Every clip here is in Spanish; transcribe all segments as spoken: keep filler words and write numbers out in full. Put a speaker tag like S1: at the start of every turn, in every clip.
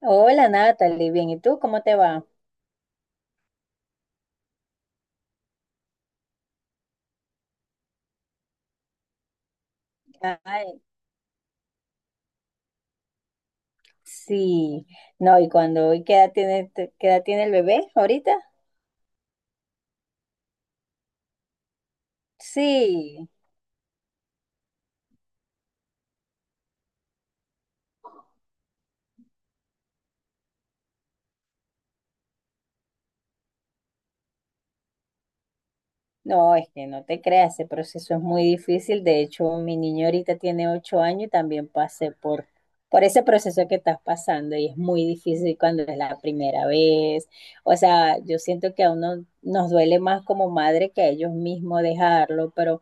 S1: Hola Natalie, bien, ¿y tú cómo te va? Ay, sí, no, y cuando, ¿y qué edad tiene, te- ¿qué edad tiene el bebé ahorita? Sí, no, es que no te creas, ese proceso es muy difícil. De hecho mi niño ahorita tiene ocho años y también pasé por, por ese proceso que estás pasando, y es muy difícil cuando es la primera vez. O sea, yo siento que a uno nos duele más como madre que a ellos mismos dejarlo, pero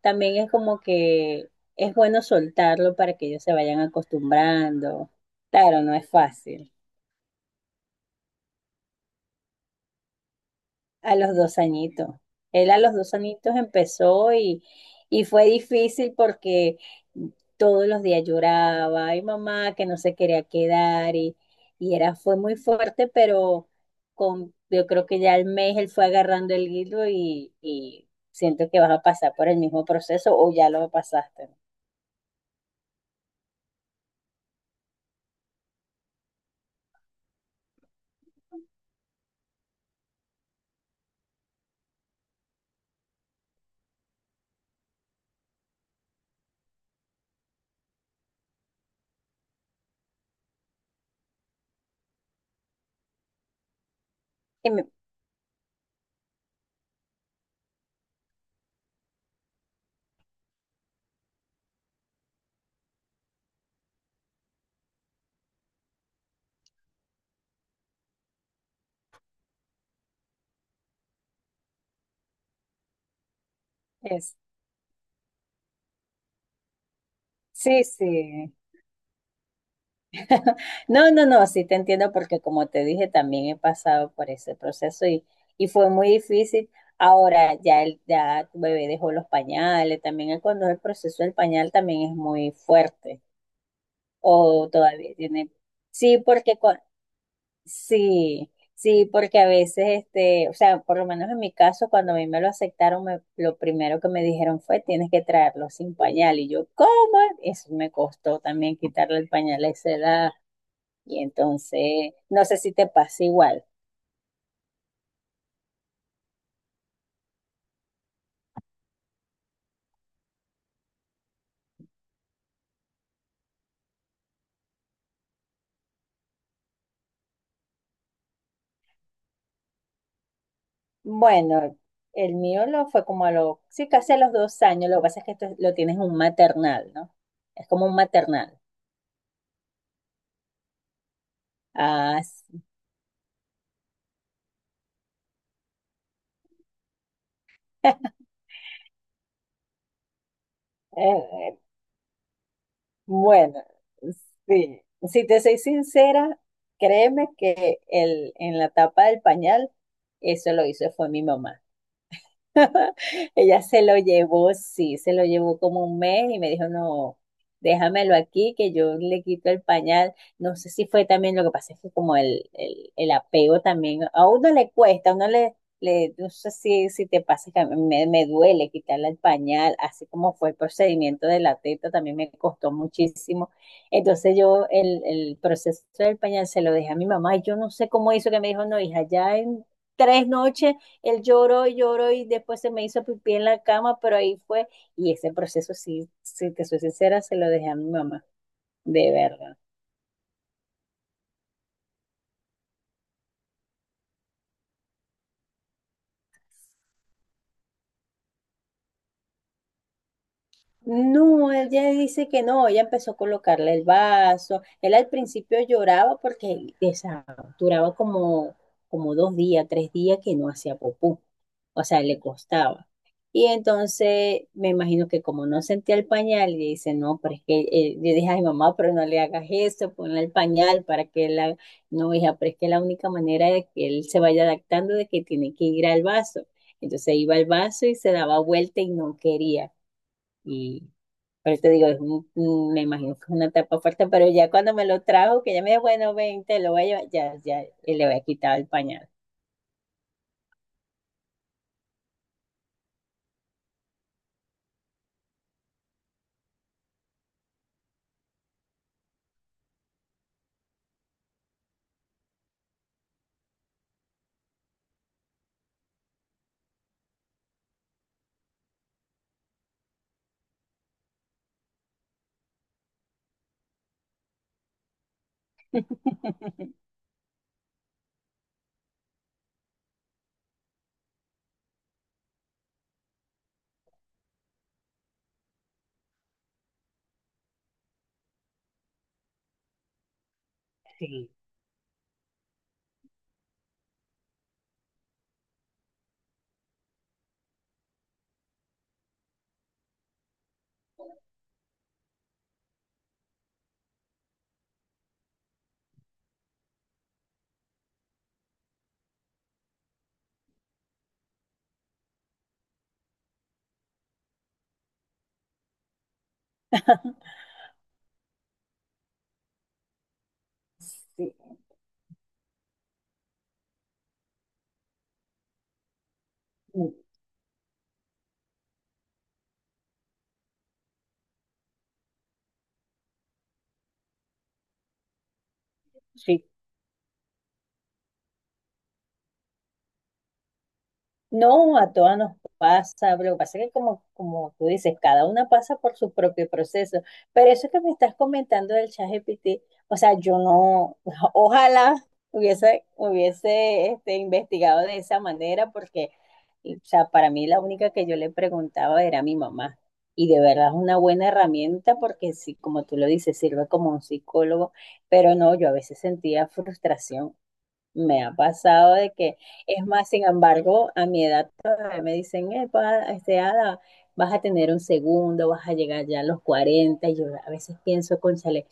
S1: también es como que es bueno soltarlo para que ellos se vayan acostumbrando. Claro, no es fácil. A los dos añitos. Él a los dos añitos empezó, y, y fue difícil porque todos los días lloraba, ay mamá, que no se quería quedar, y, y era, fue muy fuerte. Pero con, yo creo que ya al mes él fue agarrando el hilo, y, y siento que vas a pasar por el mismo proceso o ya lo pasaste. Y me- es- sí, sí, No, no, no, sí te entiendo, porque como te dije, también he pasado por ese proceso y, y fue muy difícil. Ahora ya, el, ya tu bebé dejó los pañales. También el- cuando el proceso del pañal también es muy fuerte, o todavía tiene... Sí, porque cua- sí, sí, porque a veces, este, o sea, por lo menos en mi caso, cuando a mí me lo aceptaron, me- lo primero que me dijeron fue, tienes que traerlo sin pañal. Y yo, ¿cómo? Eso me costó también, quitarle el pañal a esa edad. Y entonces, no sé si te pasa igual. Bueno, el mío lo fue como a los, sí, casi a los dos años. Lo que pasa es que esto lo tienes en un maternal, ¿no? Es como un maternal. Ah, sí. Eh, bueno, sí. Si te soy sincera, créeme que el, en la tapa del pañal, eso lo hizo fue mi mamá. Ella se lo llevó, sí, se lo llevó como un mes y me dijo, no, déjamelo aquí, que yo le quito el pañal. No sé si fue también. Lo que pasa es que como el, el, el apego también, a uno le cuesta, a uno le, le no sé si, si te pasa, que a mí me, me duele quitarle el pañal. Así como fue el procedimiento de la teta, también me costó muchísimo. Entonces yo el, el proceso del pañal se lo dejé a mi mamá, y yo no sé cómo hizo, que me dijo, no, hija, ya en tres noches él lloró y lloró y después se me hizo pipí en la cama, pero ahí fue. Y ese proceso, sí, si te soy sincera, se lo dejé a mi mamá, de verdad. No, él ya dice que no. Ella empezó a colocarle el vaso. Él al principio lloraba porque o duraba como, como dos días, tres días que no hacía popú. O sea, le costaba. Y entonces me imagino que como no sentía el pañal, le dice, no, pero es que eh, yo dije, ay mamá, pero no le hagas eso, ponle el pañal para que él, haga-. No, hija, pero es que la única manera de que él se vaya adaptando de que tiene que ir al vaso. Entonces iba al vaso y se daba vuelta y no quería. Pero te digo, es un- un- me imagino que es una etapa fuerte, pero ya cuando me lo trajo, que ya me dijo, bueno, ven, te lo voy a llevar, ya, ya, y le voy a quitar el pañal. Sí. Sí, sí. No, a todas nos pasa, pero lo que pasa es que, como, como tú dices, cada una pasa por su propio proceso. Pero eso que me estás comentando del ChatGPT, o sea, yo no, ojalá hubiese, hubiese este, investigado de esa manera. Porque o sea, para mí la única que yo le preguntaba era a mi mamá. Y de verdad es una buena herramienta, porque sí, como tú lo dices, sirve como un psicólogo. Pero no, yo a veces sentía frustración, me ha pasado de que, es más, sin embargo, a mi edad todavía me dicen, "Epa, este, Ada, vas a tener un segundo, vas a llegar ya a los cuarenta". Y yo a veces pienso, cónchale,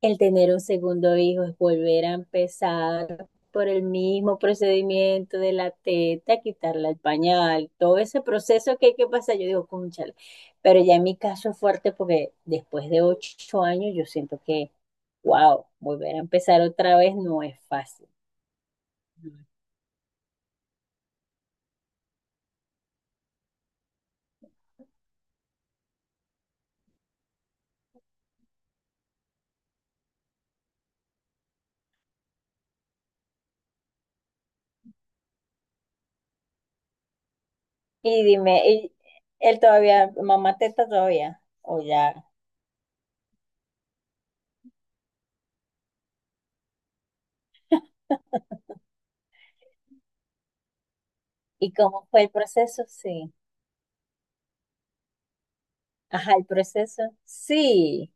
S1: el tener un segundo hijo es volver a empezar por el mismo procedimiento de la teta, quitarle el pañal, todo ese proceso que hay que pasar. Yo digo, cónchale, pero ya en mi caso es fuerte, porque después de ocho años yo siento que, wow, volver a empezar otra vez no es fácil. Y dime, ¿y él todavía, mamá teta todavía? ¿O ya? ¿Y cómo fue el proceso? Sí. Ajá, el proceso. Sí.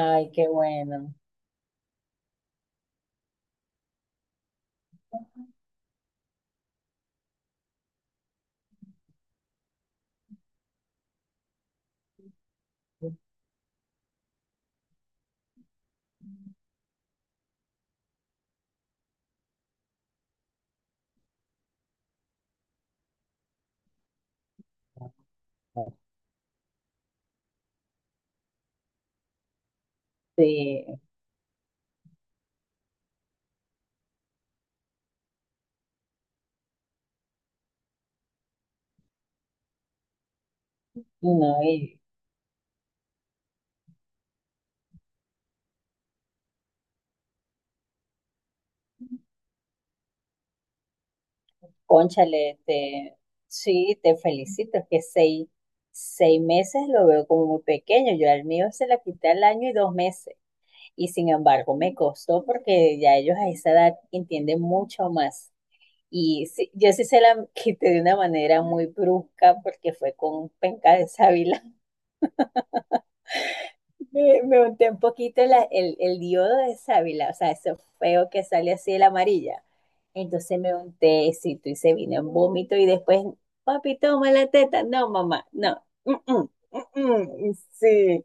S1: Ay, qué bueno. Sí. No, y cónchale, te, sí, te felicito. Es que seis, seis meses lo veo como muy pequeño. Yo al mío se la quité al año y dos meses. Y sin embargo, me costó, porque ya ellos a esa edad entienden mucho más. Y sí, yo sí se la quité de una manera muy brusca, porque fue con penca de sábila. Me, me unté un poquito la- el, el diodo de sábila, o sea, ese feo que sale así de la amarilla. Entonces me unté éxito y se vino en vómito y después, papi, toma la teta. No, mamá, no. Mm, mm, mm, mm. Sí.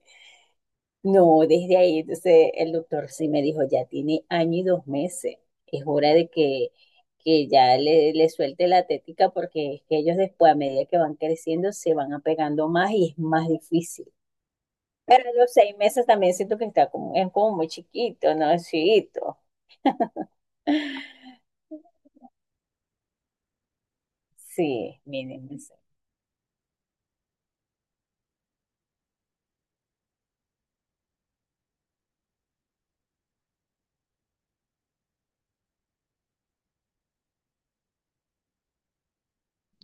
S1: No, desde ahí, entonces el doctor sí me dijo, ya tiene año y dos meses, es hora de que, que ya le, le suelte la tética, porque es que ellos después, a medida que van creciendo, se van apegando más y es más difícil. Pero a los seis meses también siento que está como, es como muy chiquito, ¿no? Es chiquito. Sí, miren,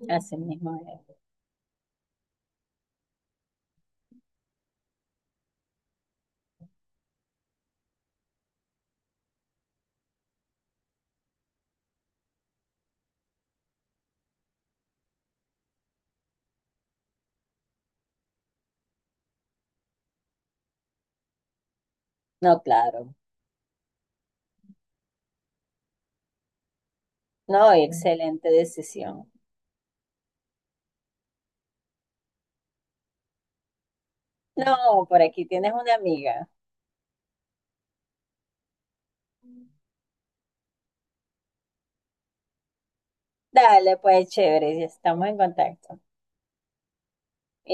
S1: así mismo es. No, claro. No, excelente decisión. No, por aquí tienes una amiga. Dale, pues chévere, ya estamos en contacto.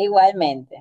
S1: Igualmente.